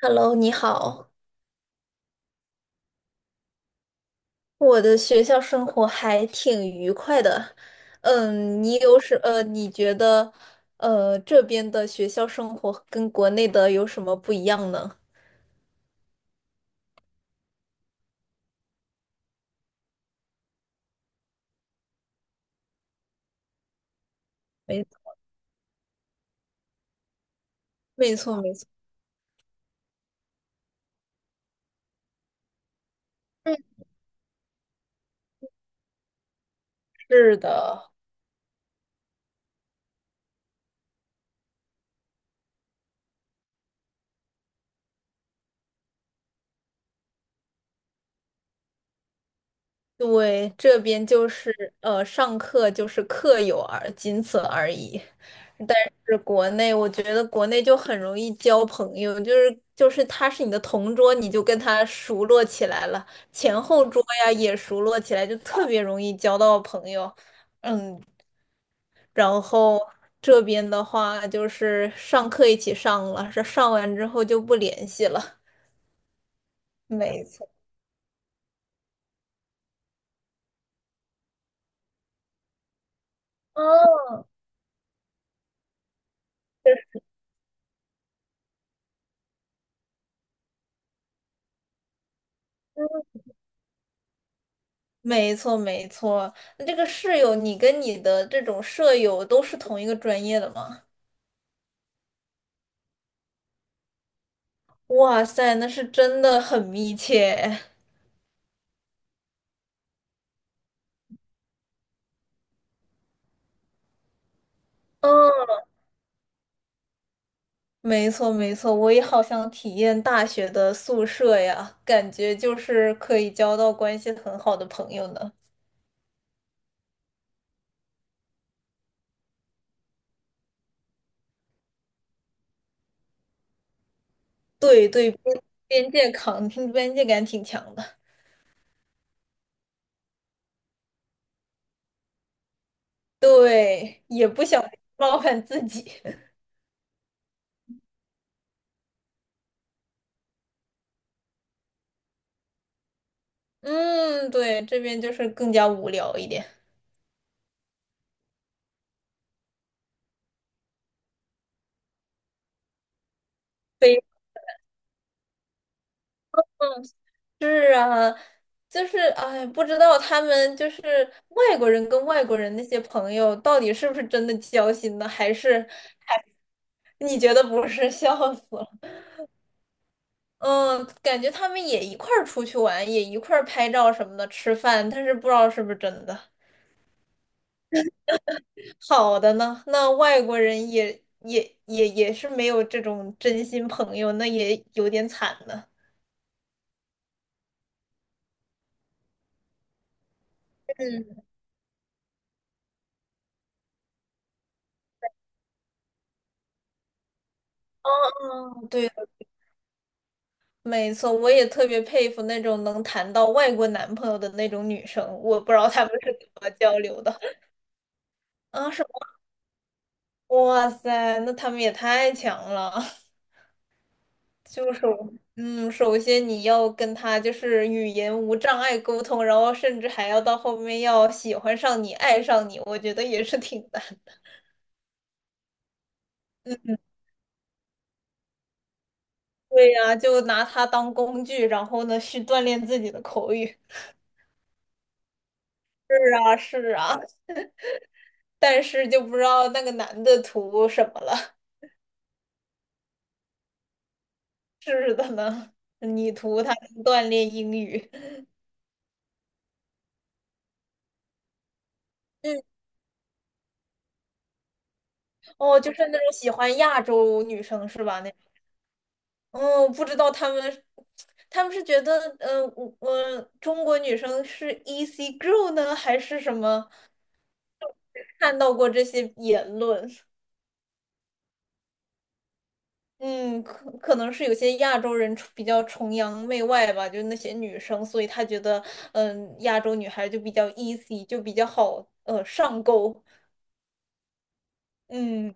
Hello，你好，我的学校生活还挺愉快的。你有什呃，你觉得这边的学校生活跟国内的有什么不一样呢？没，没错，没错。嗯，是的。对，这边就是上课就是课友而仅此而已。但是国内，我觉得国内就很容易交朋友，就是他是你的同桌，你就跟他熟络起来了，前后桌呀也熟络起来，就特别容易交到朋友。嗯，然后这边的话就是上课一起上了，上完之后就不联系了。没错。哦，没错，没错。那这个室友，你跟你的这种舍友都是同一个专业的吗？哇塞，那是真的很密切。嗯，没错，没错。我也好想体验大学的宿舍呀，感觉就是可以交到关系很好的朋友呢。对对，边界感，边界感挺强的。对，也不想冒犯自己。嗯，对，这边就是更加无聊一点。是啊，就是哎，不知道他们就是外国人跟外国人那些朋友到底是不是真的交心呢，还是还你觉得不是？笑死了。嗯，感觉他们也一块儿出去玩，也一块儿拍照什么的，吃饭，但是不知道是不是真的。好的呢，那外国人也是没有这种真心朋友，那也有点惨呢。嗯，哦，哦，对。没错，我也特别佩服那种能谈到外国男朋友的那种女生，我不知道她们是怎么交流的。啊？什么？哇塞，那她们也太强了！就是，嗯，首先你要跟他就是语言无障碍沟通，然后甚至还要到后面要喜欢上你、爱上你，我觉得也是挺难。对呀，就拿它当工具，然后呢去锻炼自己的口语。是啊，是啊，但是就不知道那个男的图什么了。是的呢。你图他锻炼英语。嗯，哦，就是那种喜欢亚洲女生是吧？那，嗯，不知道他们，他们是觉得，嗯，我中国女生是 easy girl 呢，还是什么？看到过这些言论。嗯，可能是有些亚洲人比较崇洋媚外吧，就是那些女生，所以他觉得，嗯，亚洲女孩就比较 easy，就比较好，上钩。嗯，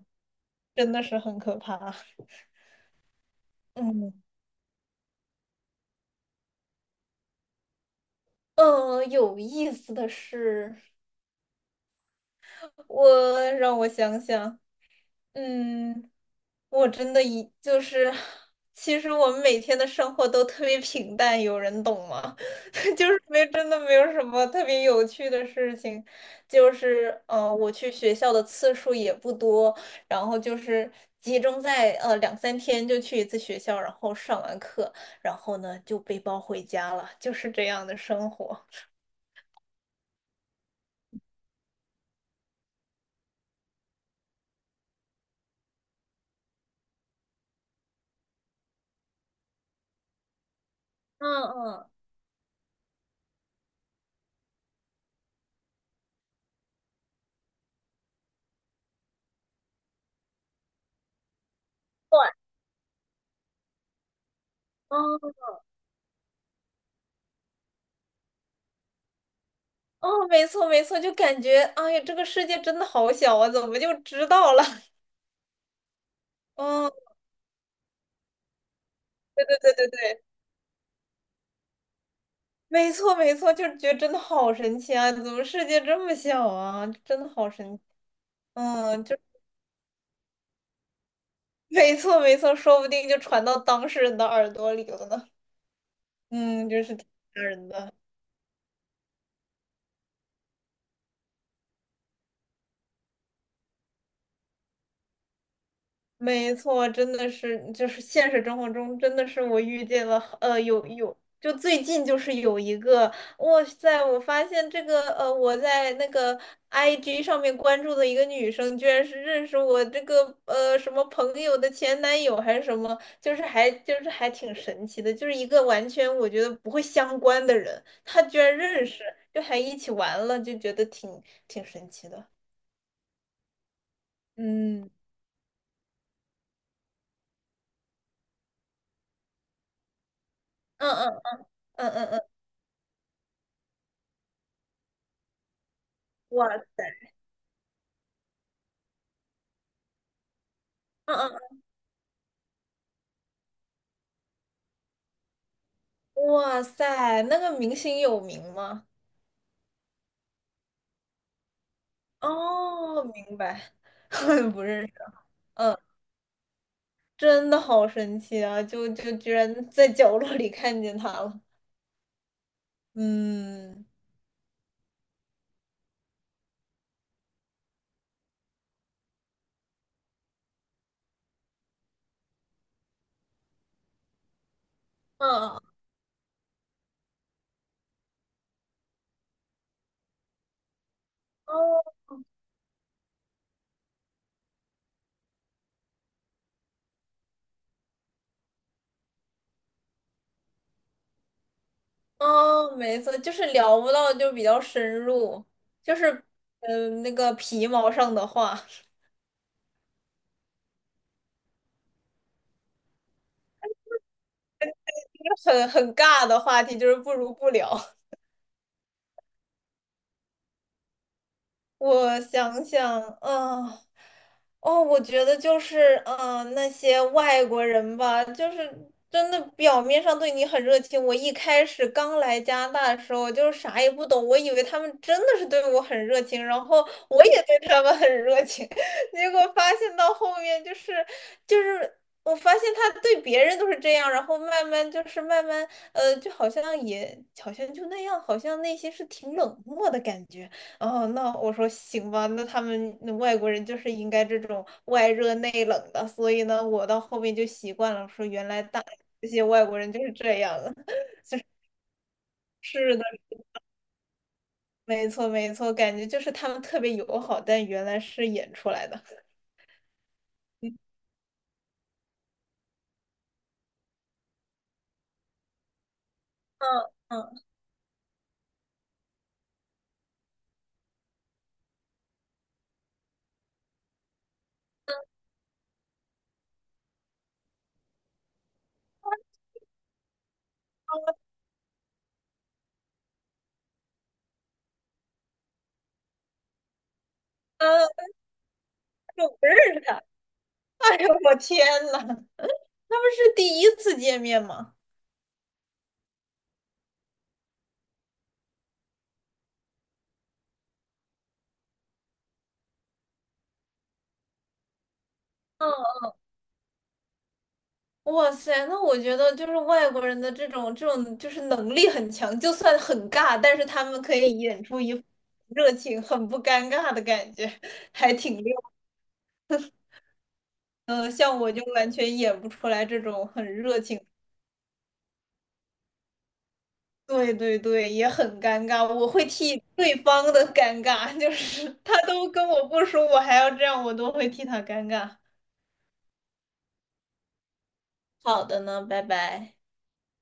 真的是很可怕。嗯。嗯，有意思的是，我让我想想。嗯，我真的一就是，其实我们每天的生活都特别平淡，有人懂吗？就是没真的没有什么特别有趣的事情，就是我去学校的次数也不多，然后就是集中在两三天就去一次学校，然后上完课，然后呢就背包回家了，就是这样的生活。嗯嗯，对。哦，没错没错，就感觉哎呀，这个世界真的好小啊，怎么就知道了？嗯，对对对对对，没错没错，就是觉得真的好神奇啊，怎么世界这么小啊？真的好神奇。嗯，就，没错没错，说不定就传到当事人的耳朵里了呢。嗯，就是挺吓人的。没错，真的是，就是现实生活中，真的是我遇见了，就最近就是有一个。哇塞，我发现这个，我在那个 IG 上面关注的一个女生，居然是认识我这个，什么朋友的前男友还是什么，就是还挺神奇的，就是一个完全我觉得不会相关的人，他居然认识，就还一起玩了，就觉得挺神奇的。嗯，嗯嗯嗯嗯嗯，我。嗯嗯，哇塞，那个明星有名吗？哦，明白，不认识。嗯，真的好神奇啊！就居然在角落里看见他了。嗯，嗯，哦，哦，没错，就是聊不到，就比较深入，就是那个皮毛上的话，很尬的话题，就是不如不聊。我想想，嗯，哦，我觉得就是，嗯，那些外国人吧，就是真的表面上对你很热情。我一开始刚来加拿大的时候，就是啥也不懂，我以为他们真的是对我很热情，然后我也对他们很热情，结果发现到后面就是，就是我发现他对别人都是这样，然后慢慢，就好像就那样，好像内心是挺冷漠的感觉。哦，那我说行吧，那他们那外国人就是应该这种外热内冷的，所以呢，我到后面就习惯了，说原来大这些外国人就是这样的。是的，没错没错，感觉就是他们特别友好，但原来是演出来的。嗯嗯嗯，但是我不认识他。哎呦，我天呐，他们是第一次见面吗？哇塞，那我觉得就是外国人的这种就是能力很强，就算很尬，但是他们可以演出一副热情、很不尴尬的感觉，还挺溜。嗯、像我就完全演不出来这种很热情。对对对，也很尴尬，我会替对方的尴尬，就是他都跟我不熟，我还要这样，我都会替他尴尬。好的呢，拜拜。